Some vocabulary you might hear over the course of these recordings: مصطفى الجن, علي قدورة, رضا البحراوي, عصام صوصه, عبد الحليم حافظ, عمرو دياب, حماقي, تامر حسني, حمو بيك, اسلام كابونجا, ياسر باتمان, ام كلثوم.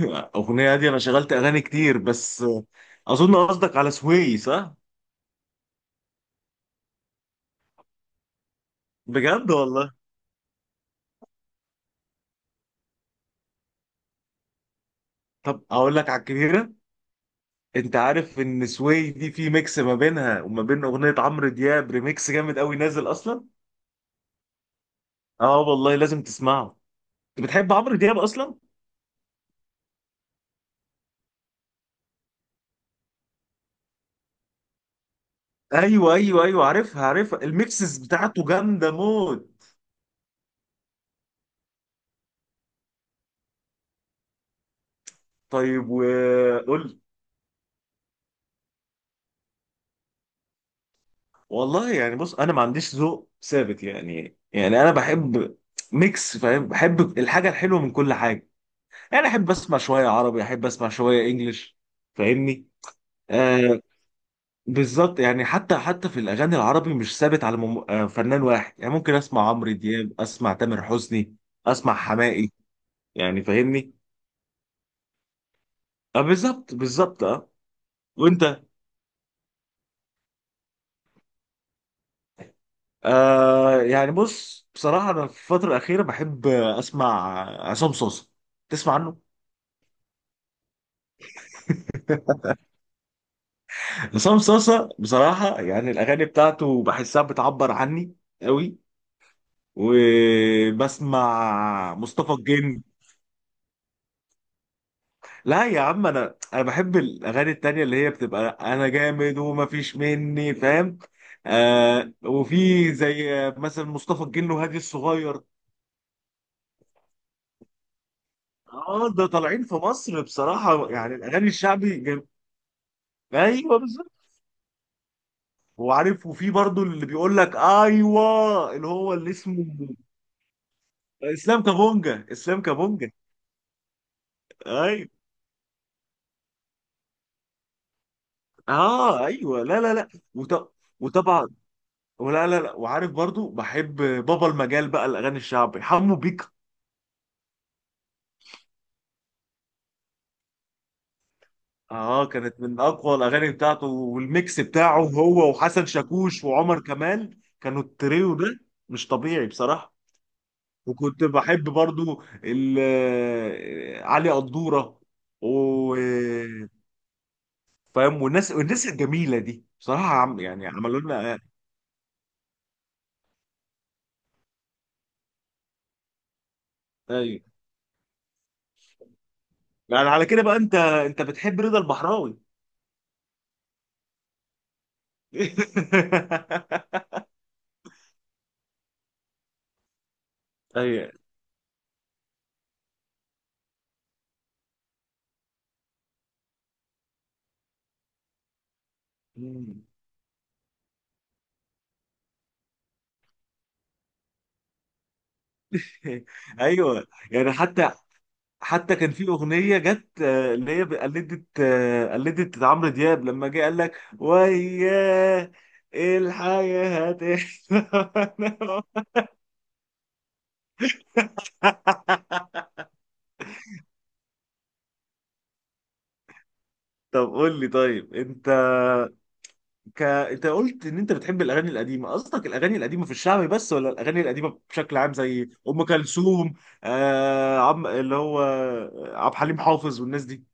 الاغنيه دي انا شغلت اغاني كتير، بس اظن قصدك على سوي. صح؟ بجد والله. طب اقول لك على الكبيره. انت عارف ان سوي دي في ميكس ما بينها وما بين اغنيه عمرو دياب، ريميكس جامد قوي نازل اصلا. اه والله لازم تسمعه. انت بتحب عمرو دياب اصلا؟ ايوه ايوه ايوه، عارفها عارفها، الميكسز بتاعته جامده موت. طيب وقول. والله يعني بص، انا ما عنديش ذوق ثابت يعني انا بحب ميكس، فاهم، بحب الحاجه الحلوه من كل حاجه. يعني احب اسمع شويه عربي احب اسمع شويه انجليش. فاهمني؟ آه بالظبط يعني، حتى في الاغاني العربي مش ثابت على فنان واحد، يعني ممكن اسمع عمرو دياب، اسمع تامر حسني، اسمع حماقي، يعني فاهمني. آه بالظبط بالظبط اه. وانت؟ يعني بص بصراحه انا في الفتره الاخيره بحب اسمع عصام صوصه. تسمع عنه؟ عصام صوصه بصراحه يعني الاغاني بتاعته بحسها بتعبر عني قوي. وبسمع مصطفى الجن. لا يا عم، انا بحب الاغاني التانية اللي هي بتبقى انا جامد ومفيش مني، فاهم. آه وفي زي مثلا مصطفى الجن وهادي الصغير. اه ده طالعين في مصر بصراحة، يعني الاغاني الشعبي ايوه بالظبط. وعارف وفي برضو اللي بيقول لك ايوه اللي هو اللي اسمه اسلام كابونجا اسلام كابونجا ايوه. اه ايوه، لا لا لا. وط... وطبعا. ولا لا لا. وعارف برضو بحب بابا المجال بقى الاغاني الشعبي، حمو بيك. اه كانت من اقوى الاغاني بتاعته، والميكس بتاعه هو وحسن شاكوش وعمر كمال كانوا التريو ده مش طبيعي بصراحة. وكنت بحب برضو علي قدورة و فاهم، والناس الجميلة دي بصراحة عم يعني عملوا لنا ايوه. يعني على كده بقى انت بتحب رضا البحراوي؟ ايوه. ايوه يعني حتى كان في اغنيه جت اللي هي قلدت قلدت عمرو دياب لما جه قال لك وياه، إيه الحياه هتحلى. طب قول لي طيب انت، انت قلت ان انت بتحب الاغاني القديمه، قصدك الاغاني القديمه في الشعبي بس ولا الاغاني القديمه بشكل عام زي ام كلثوم؟ آه عم اللي هو عبد الحليم حافظ والناس دي.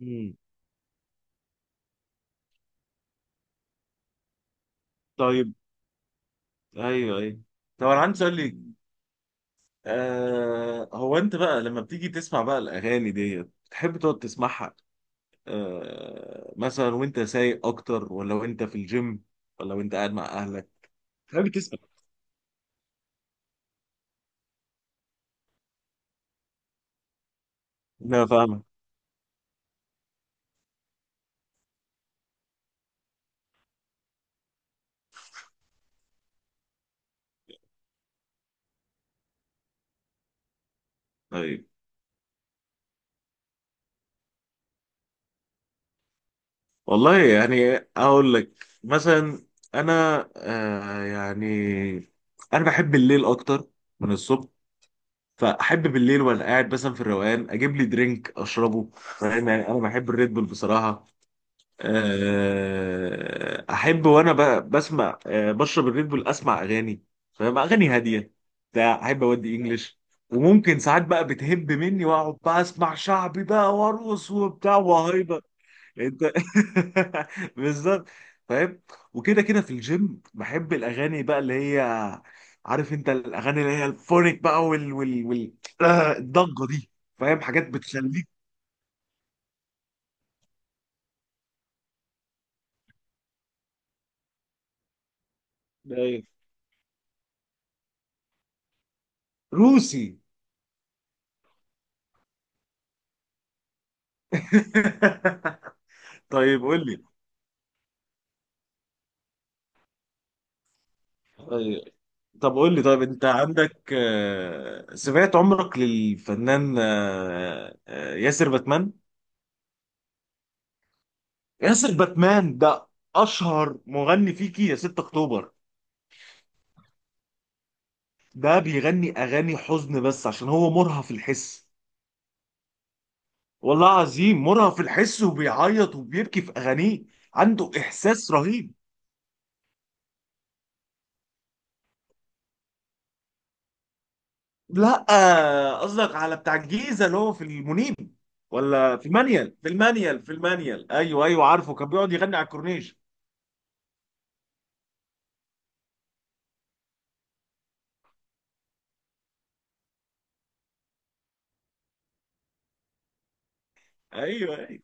مم. طيب. ايوه ايوه. طب انا عندي سؤال. آه هو انت بقى لما بتيجي تسمع بقى الاغاني دي بتحب تقعد تسمعها، آه مثلا وانت سايق اكتر، ولا وانت في الجيم، ولا وانت قاعد مع اهلك، بتحب تسمع. لا فاهمك. طيب والله يعني اقول لك مثلا. انا آه يعني انا بحب الليل اكتر من الصبح، فاحب بالليل وانا قاعد مثلا في الروقان اجيب لي درينك اشربه، فاهم يعني، انا بحب الريد بول بصراحه. احب وانا بسمع بشرب الريد بول اسمع اغاني، فاهم، اغاني هاديه بتاع، احب اودي انجلش. وممكن ساعات بقى بتهب مني واقعد بقى اسمع شعبي بقى وارقص وبتاع وهايبر. انت. بالظبط، فاهم. وكده كده في الجيم بحب الاغاني بقى اللي هي، عارف انت الاغاني اللي هي الفونيك بقى وال الضجه دي، فاهم، حاجات بتخليك. أيوة. روسي. طيب قول لي طيب طب قول لي طيب، انت عندك سمعت عمرك للفنان ياسر باتمان؟ ياسر باتمان ده اشهر مغني فيكي يا 6 اكتوبر. ده بيغني اغاني حزن بس عشان هو مرهف الحس. والله عظيم مرهف الحس وبيعيط وبيبكي في اغانيه، عنده احساس رهيب. لا قصدك على بتاع الجيزه اللي هو في المنيب، ولا في المانيال؟ في المانيال في المانيال ايوه ايوه عارفه كان بيقعد يغني على الكورنيش. ايوه ايوه.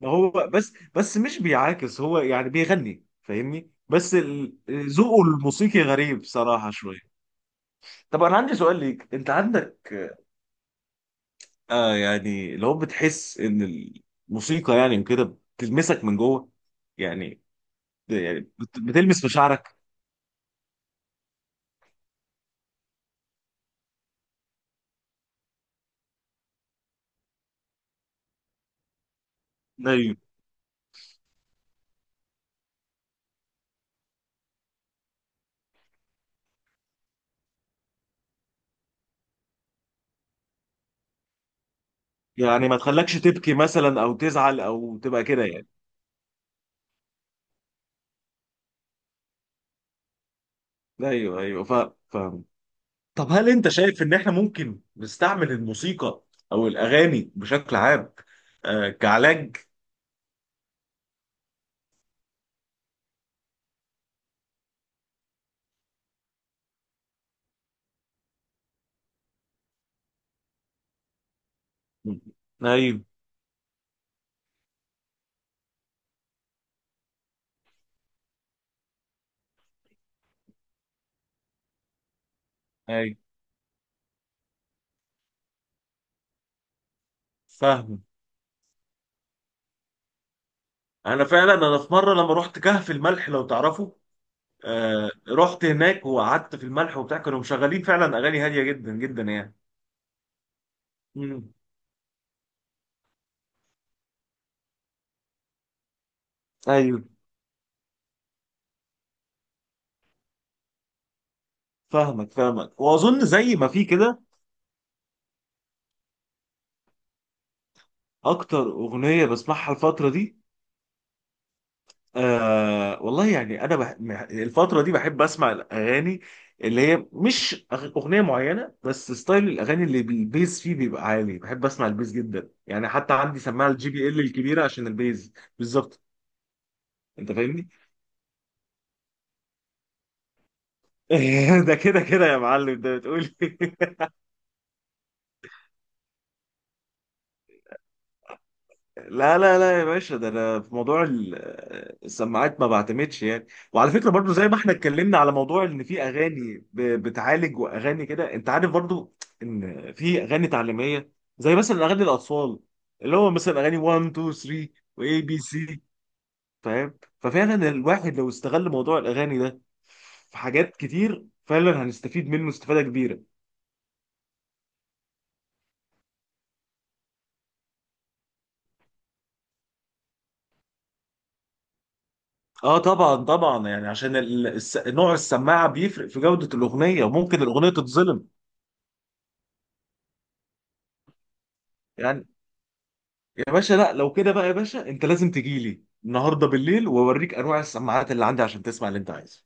ما هو بس مش بيعاكس، هو يعني بيغني فاهمني، بس ذوقه الموسيقي غريب صراحة شوية. طب انا عندي سؤال ليك، انت عندك آه يعني، لو بتحس ان الموسيقى يعني كده بتلمسك من جوه، يعني يعني بتلمس مشاعرك. ايوه يعني ما تخلكش تبكي مثلا او تزعل او تبقى كده يعني. ايوه ايوه فاهم. طب هل انت شايف ان احنا ممكن نستعمل الموسيقى او الاغاني بشكل عام آه كعلاج؟ ايوه ايوه فاهم. انا فعلا في مره لما رحت كهف الملح لو تعرفه. آه رحت هناك وقعدت في الملح وبتاع كانوا مشغلين فعلا اغاني هاديه جدا جدا يعني. امم. ايوه فاهمك، واظن زي ما في كده. اكتر اغنيه بسمعها الفتره دي، آه والله يعني الفتره دي بحب اسمع الاغاني اللي هي مش اغنيه معينه بس ستايل الاغاني اللي البيز فيه بيبقى عالي، بحب اسمع البيز جدا يعني. حتى عندي سماعه الجي بي ال الكبيره عشان البيز. بالظبط. انت فاهمني. ده كده كده يا معلم، ده بتقول. لا لا لا يا باشا، ده انا في موضوع السماعات ما بعتمدش يعني. وعلى فكره برضو زي ما احنا اتكلمنا على موضوع ان في اغاني بتعالج واغاني كده، انت عارف برضو ان في اغاني تعليميه زي مثلا اغاني الاطفال اللي هو مثلا اغاني 1 2 3، واي بي سي، فاهم. ففعلا الواحد لو استغل موضوع الاغاني ده في حاجات كتير، فعلا هنستفيد منه استفاده كبيره. اه طبعا طبعا يعني عشان نوع السماعه بيفرق في جوده الاغنيه وممكن الاغنيه تتظلم يعني. يا باشا لا لو كده بقى يا باشا انت لازم تجي لي النهارده بالليل واوريك انواع السماعات اللي عندي عشان تسمع اللي انت عايزه.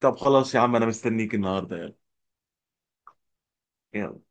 طب خلاص يا عم انا مستنيك النهارده، يلا. يلا.